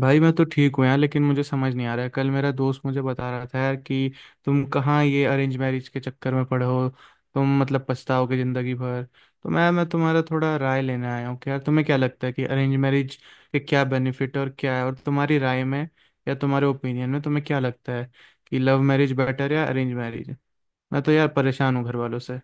भाई मैं तो ठीक हूँ यार। लेकिन मुझे समझ नहीं आ रहा है। कल मेरा दोस्त मुझे बता रहा था यार कि तुम कहाँ ये अरेंज मैरिज के चक्कर में पड़े हो, तुम मतलब पछताओगे ज़िंदगी भर। तो मैं तुम्हारा थोड़ा राय लेने आया हूँ कि यार तुम्हें क्या लगता है कि अरेंज मैरिज के क्या बेनिफिट और क्या है, और तुम्हारी राय में या तुम्हारे ओपिनियन में तुम्हें क्या लगता है कि लव मैरिज बेटर या अरेंज मैरिज? मैं तो यार परेशान हूँ घर वालों से।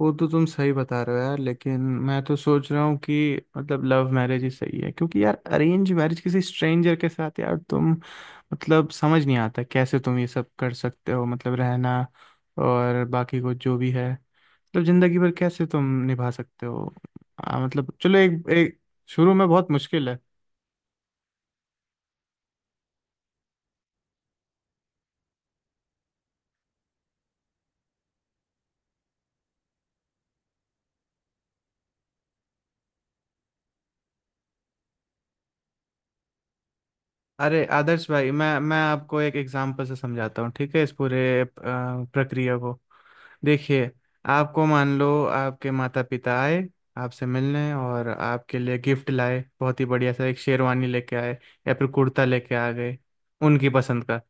वो तो तुम सही बता रहे हो यार, लेकिन मैं तो सोच रहा हूँ कि मतलब लव मैरिज ही सही है, क्योंकि यार अरेंज मैरिज किसी स्ट्रेंजर के साथ यार, तुम मतलब समझ नहीं आता कैसे तुम ये सब कर सकते हो, मतलब रहना और बाकी को जो भी है, मतलब जिंदगी भर कैसे तुम निभा सकते हो? मतलब चलो, एक एक शुरू में बहुत मुश्किल है। अरे आदर्श भाई, मैं आपको एक एग्जांपल से समझाता हूँ, ठीक है? इस पूरे प्रक्रिया को। देखिए, आपको मान लो आपके माता पिता आए आपसे मिलने, और आपके लिए गिफ्ट लाए, बहुत ही बढ़िया सा एक शेरवानी लेके आए या फिर कुर्ता लेके आ गए उनकी पसंद का।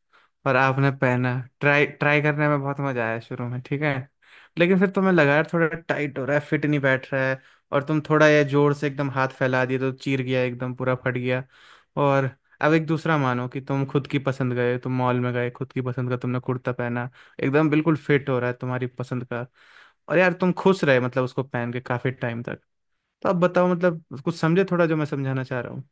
और आपने पहना, ट्राई ट्राई करने में बहुत मजा आया शुरू में, ठीक है। लेकिन फिर तुम्हें लगा यार थोड़ा टाइट हो रहा है, फिट नहीं बैठ रहा है। और तुम थोड़ा ये जोर से एकदम हाथ फैला दिए तो चीर गया, एकदम पूरा फट गया। और अब एक दूसरा मानो कि तुम खुद की पसंद गए, तुम मॉल में गए, खुद की पसंद का तुमने कुर्ता पहना, एकदम बिल्कुल फिट हो रहा है तुम्हारी पसंद का, और यार तुम खुश रहे मतलब उसको पहन के काफी टाइम तक। तो अब बताओ, मतलब कुछ समझे थोड़ा जो मैं समझाना चाह रहा हूँ?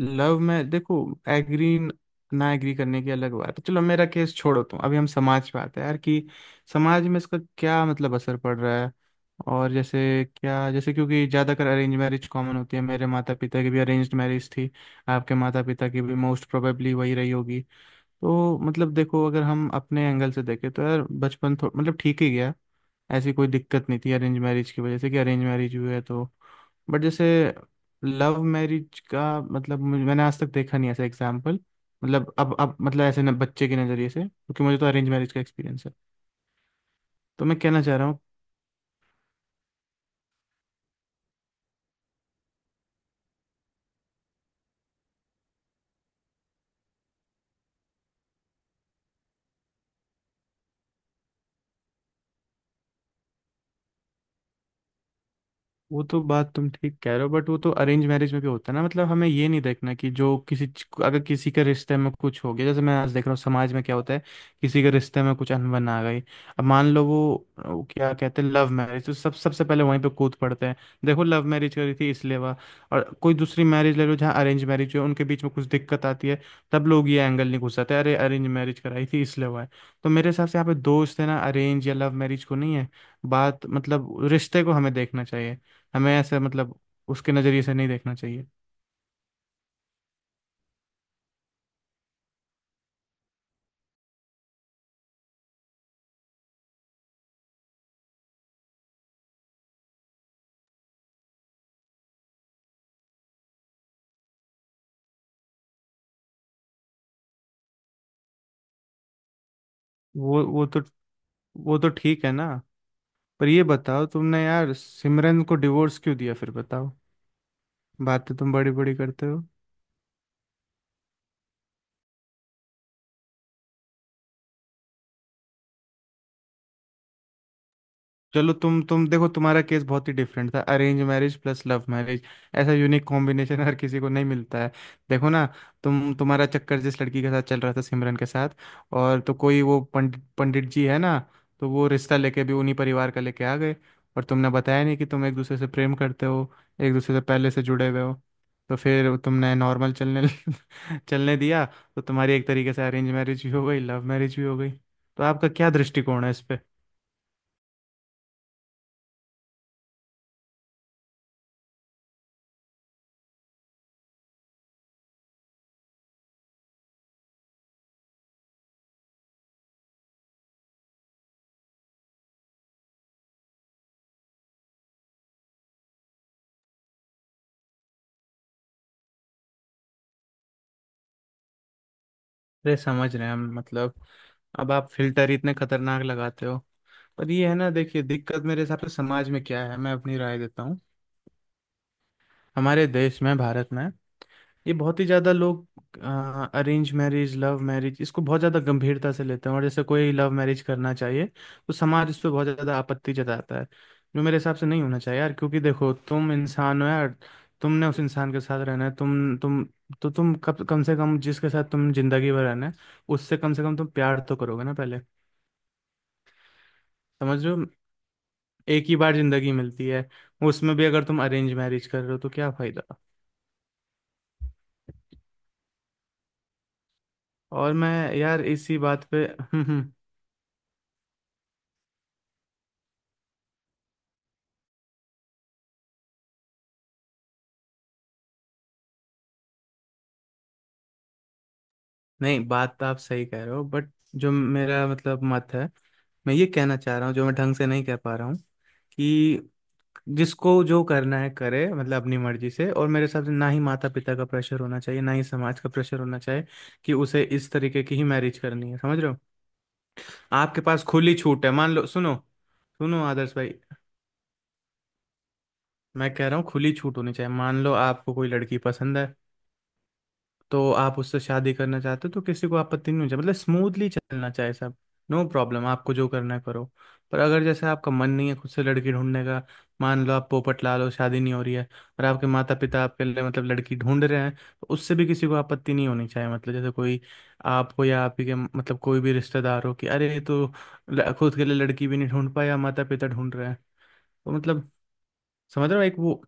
लव में देखो, एग्री ना एग्री करने की अलग बात है। चलो मेरा केस छोड़ो तुम अभी, हम समाज पे आते हैं यार कि समाज में इसका क्या मतलब असर पड़ रहा है? और जैसे क्या जैसे क्योंकि ज़्यादातर अरेंज मैरिज कॉमन होती है, मेरे माता पिता की भी अरेंज्ड मैरिज थी, आपके माता पिता की भी मोस्ट प्रोबेबली वही रही होगी। तो मतलब देखो, अगर हम अपने एंगल से देखें तो यार बचपन थो- मतलब ठीक ही गया, ऐसी कोई दिक्कत नहीं थी अरेंज मैरिज की वजह से कि अरेंज मैरिज हुई है तो। बट जैसे लव मैरिज का मतलब मुझे- मैंने आज तक देखा नहीं ऐसा एग्जाम्पल। मतलब अब मतलब ऐसे न, बच्चे के नज़रिए से, क्योंकि मुझे तो अरेंज मैरिज का एक्सपीरियंस है, तो मैं कहना चाह रहा हूँ। वो तो बात तुम ठीक कह रहे हो बट वो तो अरेंज मैरिज में भी होता है ना, मतलब हमें ये नहीं देखना कि जो किसी अगर किसी के रिश्ते में कुछ हो गया। जैसे मैं आज देख रहा हूँ समाज में क्या होता है, किसी के रिश्ते में कुछ अनबन आ गई, अब मान लो वो क्या कहते हैं लव मैरिज तो सब सबसे पहले वहीं पे कूद पड़ते हैं, देखो लव मैरिज करी थी इसलिए, वाह। और कोई दूसरी मैरिज ले लो जहाँ अरेंज मैरिज हो, उनके बीच में कुछ दिक्कत आती है, तब लोग ये एंगल नहीं घुसाते अरे अरेंज मैरिज कराई थी इसलिए हुआ है। तो मेरे हिसाब से यहाँ पे दोस्त है ना, अरेंज या लव मैरिज को नहीं है बात, मतलब रिश्ते को हमें देखना चाहिए। हमें ऐसे मतलब उसके नज़रिए से नहीं देखना चाहिए। वो वो तो वो तो ठीक है ना। पर ये बताओ तुमने यार सिमरन को डिवोर्स क्यों दिया फिर, बताओ। बातें तुम बड़ी बड़ी करते हो। चलो तुम देखो, तुम्हारा केस बहुत ही डिफरेंट था, arrange marriage plus love marriage. ऐसा यूनिक कॉम्बिनेशन हर किसी को नहीं मिलता है। देखो ना, तुम, तुम्हारा चक्कर जिस लड़की के साथ चल रहा था सिमरन के साथ, और तो कोई वो पंडित पंडित जी है ना, तो वो रिश्ता लेके भी उन्हीं परिवार का लेके आ गए, और तुमने बताया नहीं कि तुम एक दूसरे से प्रेम करते हो, एक दूसरे से पहले से जुड़े हुए हो। तो फिर तुमने नॉर्मल चलने चलने दिया। तो तुम्हारी एक तरीके से अरेंज मैरिज भी हो गई, लव मैरिज भी हो गई। तो आपका क्या दृष्टिकोण है इस पे? अरे समझ रहे हैं हम, मतलब अब आप फिल्टर ही इतने खतरनाक लगाते हो। पर ये है ना देखिए दिक्कत, मेरे हिसाब से समाज में क्या है मैं अपनी राय देता हूँ। हमारे देश में, भारत में ये बहुत ही ज्यादा लोग अरेंज मैरिज लव मैरिज इसको बहुत ज्यादा गंभीरता से लेते हैं, और जैसे कोई लव मैरिज करना चाहिए तो समाज इस पे बहुत ज्यादा आपत्ति जताता है, जो मेरे हिसाब से नहीं होना चाहिए यार। क्योंकि देखो तुम इंसान हो यार, तुमने उस इंसान के साथ रहना है, तुम तो तुम कब कम से कम जिसके साथ तुम जिंदगी भर रहना है उससे कम से कम तुम प्यार तो करोगे ना पहले, समझो। एक ही बार जिंदगी मिलती है, उसमें भी अगर तुम अरेंज मैरिज कर रहे हो तो क्या फायदा? और मैं, यार इसी बात पे नहीं बात तो आप सही कह रहे हो, बट जो मेरा मतलब मत है, मैं ये कहना चाह रहा हूँ जो मैं ढंग से नहीं कह पा रहा हूँ कि जिसको जो करना है करे मतलब अपनी मर्जी से, और मेरे हिसाब से ना ही माता पिता का प्रेशर होना चाहिए, ना ही समाज का प्रेशर होना चाहिए कि उसे इस तरीके की ही मैरिज करनी है, समझ रहे हो? आपके पास खुली छूट है। मान लो सुनो, सुनो आदर्श भाई, मैं कह रहा हूँ खुली छूट होनी चाहिए। मान लो आपको कोई लड़की पसंद है तो आप उससे शादी करना चाहते हो, तो किसी को आपत्ति नहीं होनी चाहिए, मतलब स्मूथली चलना चाहिए सब, नो प्रॉब्लम, आपको जो करना है करो। पर अगर जैसे आपका मन नहीं है खुद से लड़की ढूंढने का, मान लो आप पोपट ला लो शादी नहीं हो रही है, और आपके माता पिता आपके लिए मतलब लड़की ढूंढ रहे हैं, तो उससे भी किसी को आपत्ति नहीं होनी चाहिए। मतलब जैसे कोई आपको या आप ही के मतलब कोई भी रिश्तेदार हो कि अरे ये तो खुद के लिए लड़की भी नहीं ढूंढ पाया, माता पिता ढूंढ रहे हैं, तो मतलब समझ रहे हो, एक वो।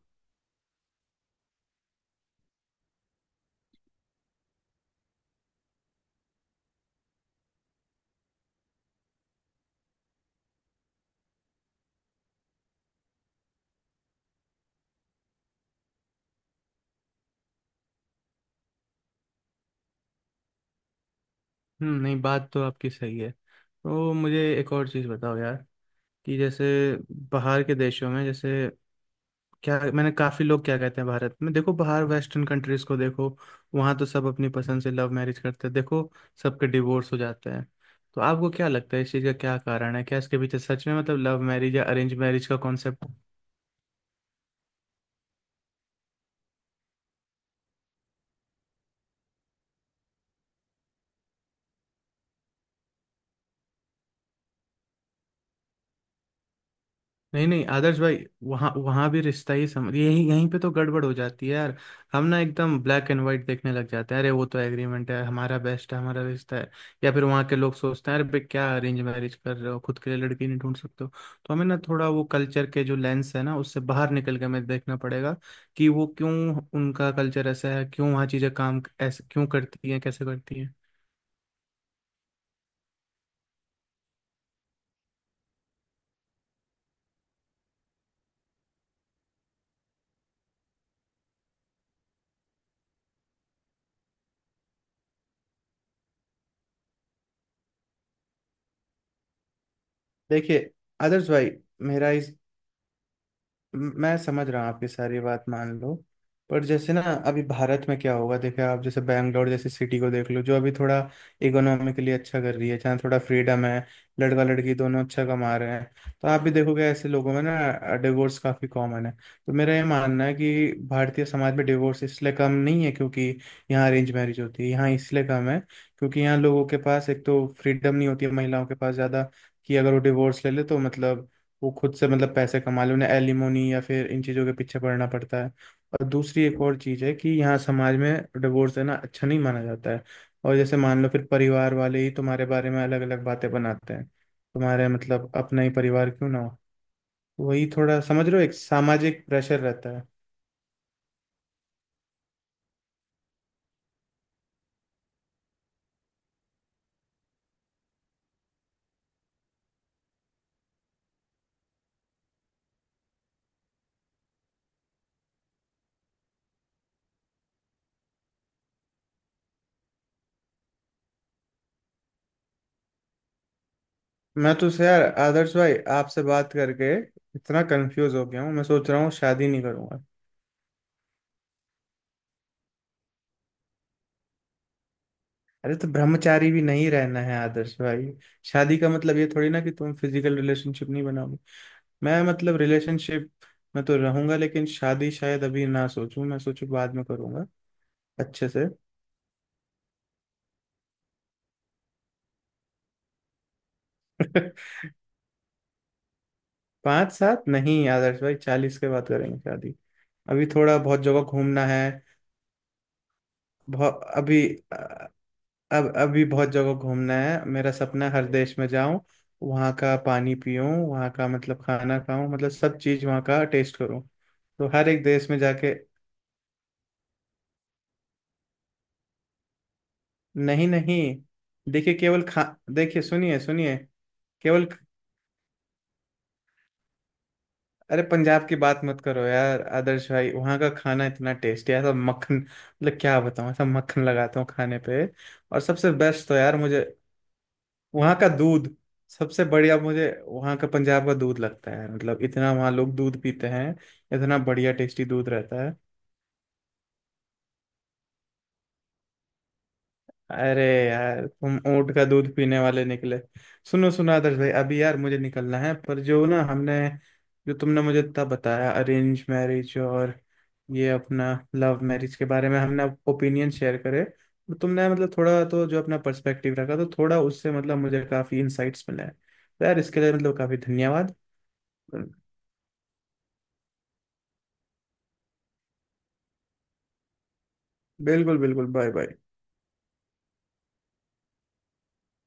हम्म, नहीं बात तो आपकी सही है। तो मुझे एक और चीज़ बताओ यार कि जैसे बाहर के देशों में, जैसे क्या मैंने काफी लोग क्या कहते हैं, भारत में देखो, बाहर वेस्टर्न कंट्रीज को देखो, वहां तो सब अपनी पसंद से लव मैरिज करते हैं, देखो सबके डिवोर्स हो जाते हैं। तो आपको क्या लगता है इस चीज का क्या कारण है, क्या इसके पीछे सच में मतलब लव मैरिज या अरेंज मैरिज का कॉन्सेप्ट? नहीं नहीं आदर्श भाई, वहाँ वहाँ भी रिश्ता ही समझ, यही यहीं पे तो गड़बड़ हो जाती है यार। हम ना एकदम ब्लैक एंड व्हाइट देखने लग जाते हैं, अरे वो तो एग्रीमेंट है, हमारा बेस्ट है, हमारा रिश्ता है। या फिर वहाँ के लोग सोचते हैं अरे भाई क्या अरेंज मैरिज कर रहे हो, खुद के लिए लड़की नहीं ढूंढ सकते हो? तो हमें ना थोड़ा वो कल्चर के जो लेंस है ना उससे बाहर निकल के हमें देखना पड़ेगा कि वो क्यों, उनका कल्चर ऐसा है क्यों, वहाँ चीज़ें काम ऐसे क्यों करती हैं, कैसे करती हैं? देखिए आदर्श भाई, मेरा इस मैं समझ रहा हूँ आपकी सारी बात, मान लो। पर जैसे ना अभी भारत में क्या होगा, देखे आप जैसे बैंगलोर जैसी सिटी को देख लो जो अभी थोड़ा इकोनॉमिकली अच्छा कर रही है, जहाँ थोड़ा फ्रीडम है, लड़का लड़की दोनों अच्छा कमा रहे हैं, तो आप भी देखोगे ऐसे लोगों में ना डिवोर्स काफी कॉमन है। तो मेरा ये मानना है कि भारतीय समाज में डिवोर्स इसलिए कम नहीं है क्योंकि यहाँ अरेंज मैरिज होती है, यहाँ इसलिए कम है क्योंकि यहाँ लोगों के पास एक तो फ्रीडम नहीं होती है, महिलाओं के पास ज़्यादा कि अगर वो डिवोर्स ले ले तो मतलब वो खुद से मतलब पैसे कमा ले, उन्हें एलिमोनी या फिर इन चीज़ों के पीछे पड़ना पड़ता है। और दूसरी एक और चीज़ है कि यहाँ समाज में डिवोर्स देना अच्छा नहीं माना जाता है, और जैसे मान लो फिर परिवार वाले ही तुम्हारे बारे में अलग अलग बातें बनाते हैं, तुम्हारे मतलब अपना ही परिवार क्यों ना हो, वही थोड़ा समझ रहे हो, एक सामाजिक प्रेशर रहता है। मैं तो से यार आदर्श भाई आपसे बात करके इतना कंफ्यूज हो गया हूँ, मैं सोच रहा हूँ शादी नहीं करूंगा। अरे तो ब्रह्मचारी भी नहीं रहना है आदर्श भाई, शादी का मतलब ये थोड़ी ना कि तुम फिजिकल रिलेशनशिप नहीं बनाओ। मैं मतलब रिलेशनशिप में तो रहूंगा, लेकिन शादी शायद अभी ना सोचूं, मैं सोचूं बाद में करूंगा अच्छे से। पाँच सात नहीं आदर्श भाई, 40 के बाद करेंगे शादी, अभी थोड़ा बहुत जगह घूमना है, बहुत अभी अ- अब अभी बहुत जगह घूमना है, मेरा सपना है हर देश में जाऊं, वहाँ का पानी पीऊं, वहाँ का मतलब खाना खाऊं, मतलब सब चीज वहाँ का टेस्ट करूं, तो हर एक देश में जाके। नहीं नहीं देखिए केवल खा देखिए, सुनिए सुनिए केवल अरे पंजाब की बात मत करो यार आदर्श भाई, वहाँ का खाना इतना टेस्टी है, ऐसा मक्खन मतलब क्या बताऊँ, ऐसा मक्खन लगाता हूँ खाने पे। और सबसे बेस्ट तो यार मुझे वहाँ का दूध, सबसे बढ़िया मुझे वहाँ का पंजाब का दूध लगता है, मतलब इतना वहाँ लोग दूध पीते हैं, इतना बढ़िया टेस्टी दूध रहता है। अरे यार तुम ऊँट का दूध पीने वाले निकले। सुनो सुनो आदर्श भाई, अभी यार मुझे निकलना है, पर जो ना हमने जो तुमने मुझे इतना बताया अरेंज मैरिज और ये अपना लव मैरिज के बारे में हमने ओपिनियन शेयर करे, तो तुमने मतलब थोड़ा तो जो अपना पर्सपेक्टिव रखा, तो थोड़ा उससे मतलब मुझे काफ़ी इंसाइट्स मिले हैं। तो यार इसके लिए मतलब काफ़ी धन्यवाद। बिल्कुल बिल्कुल, बाय बाय।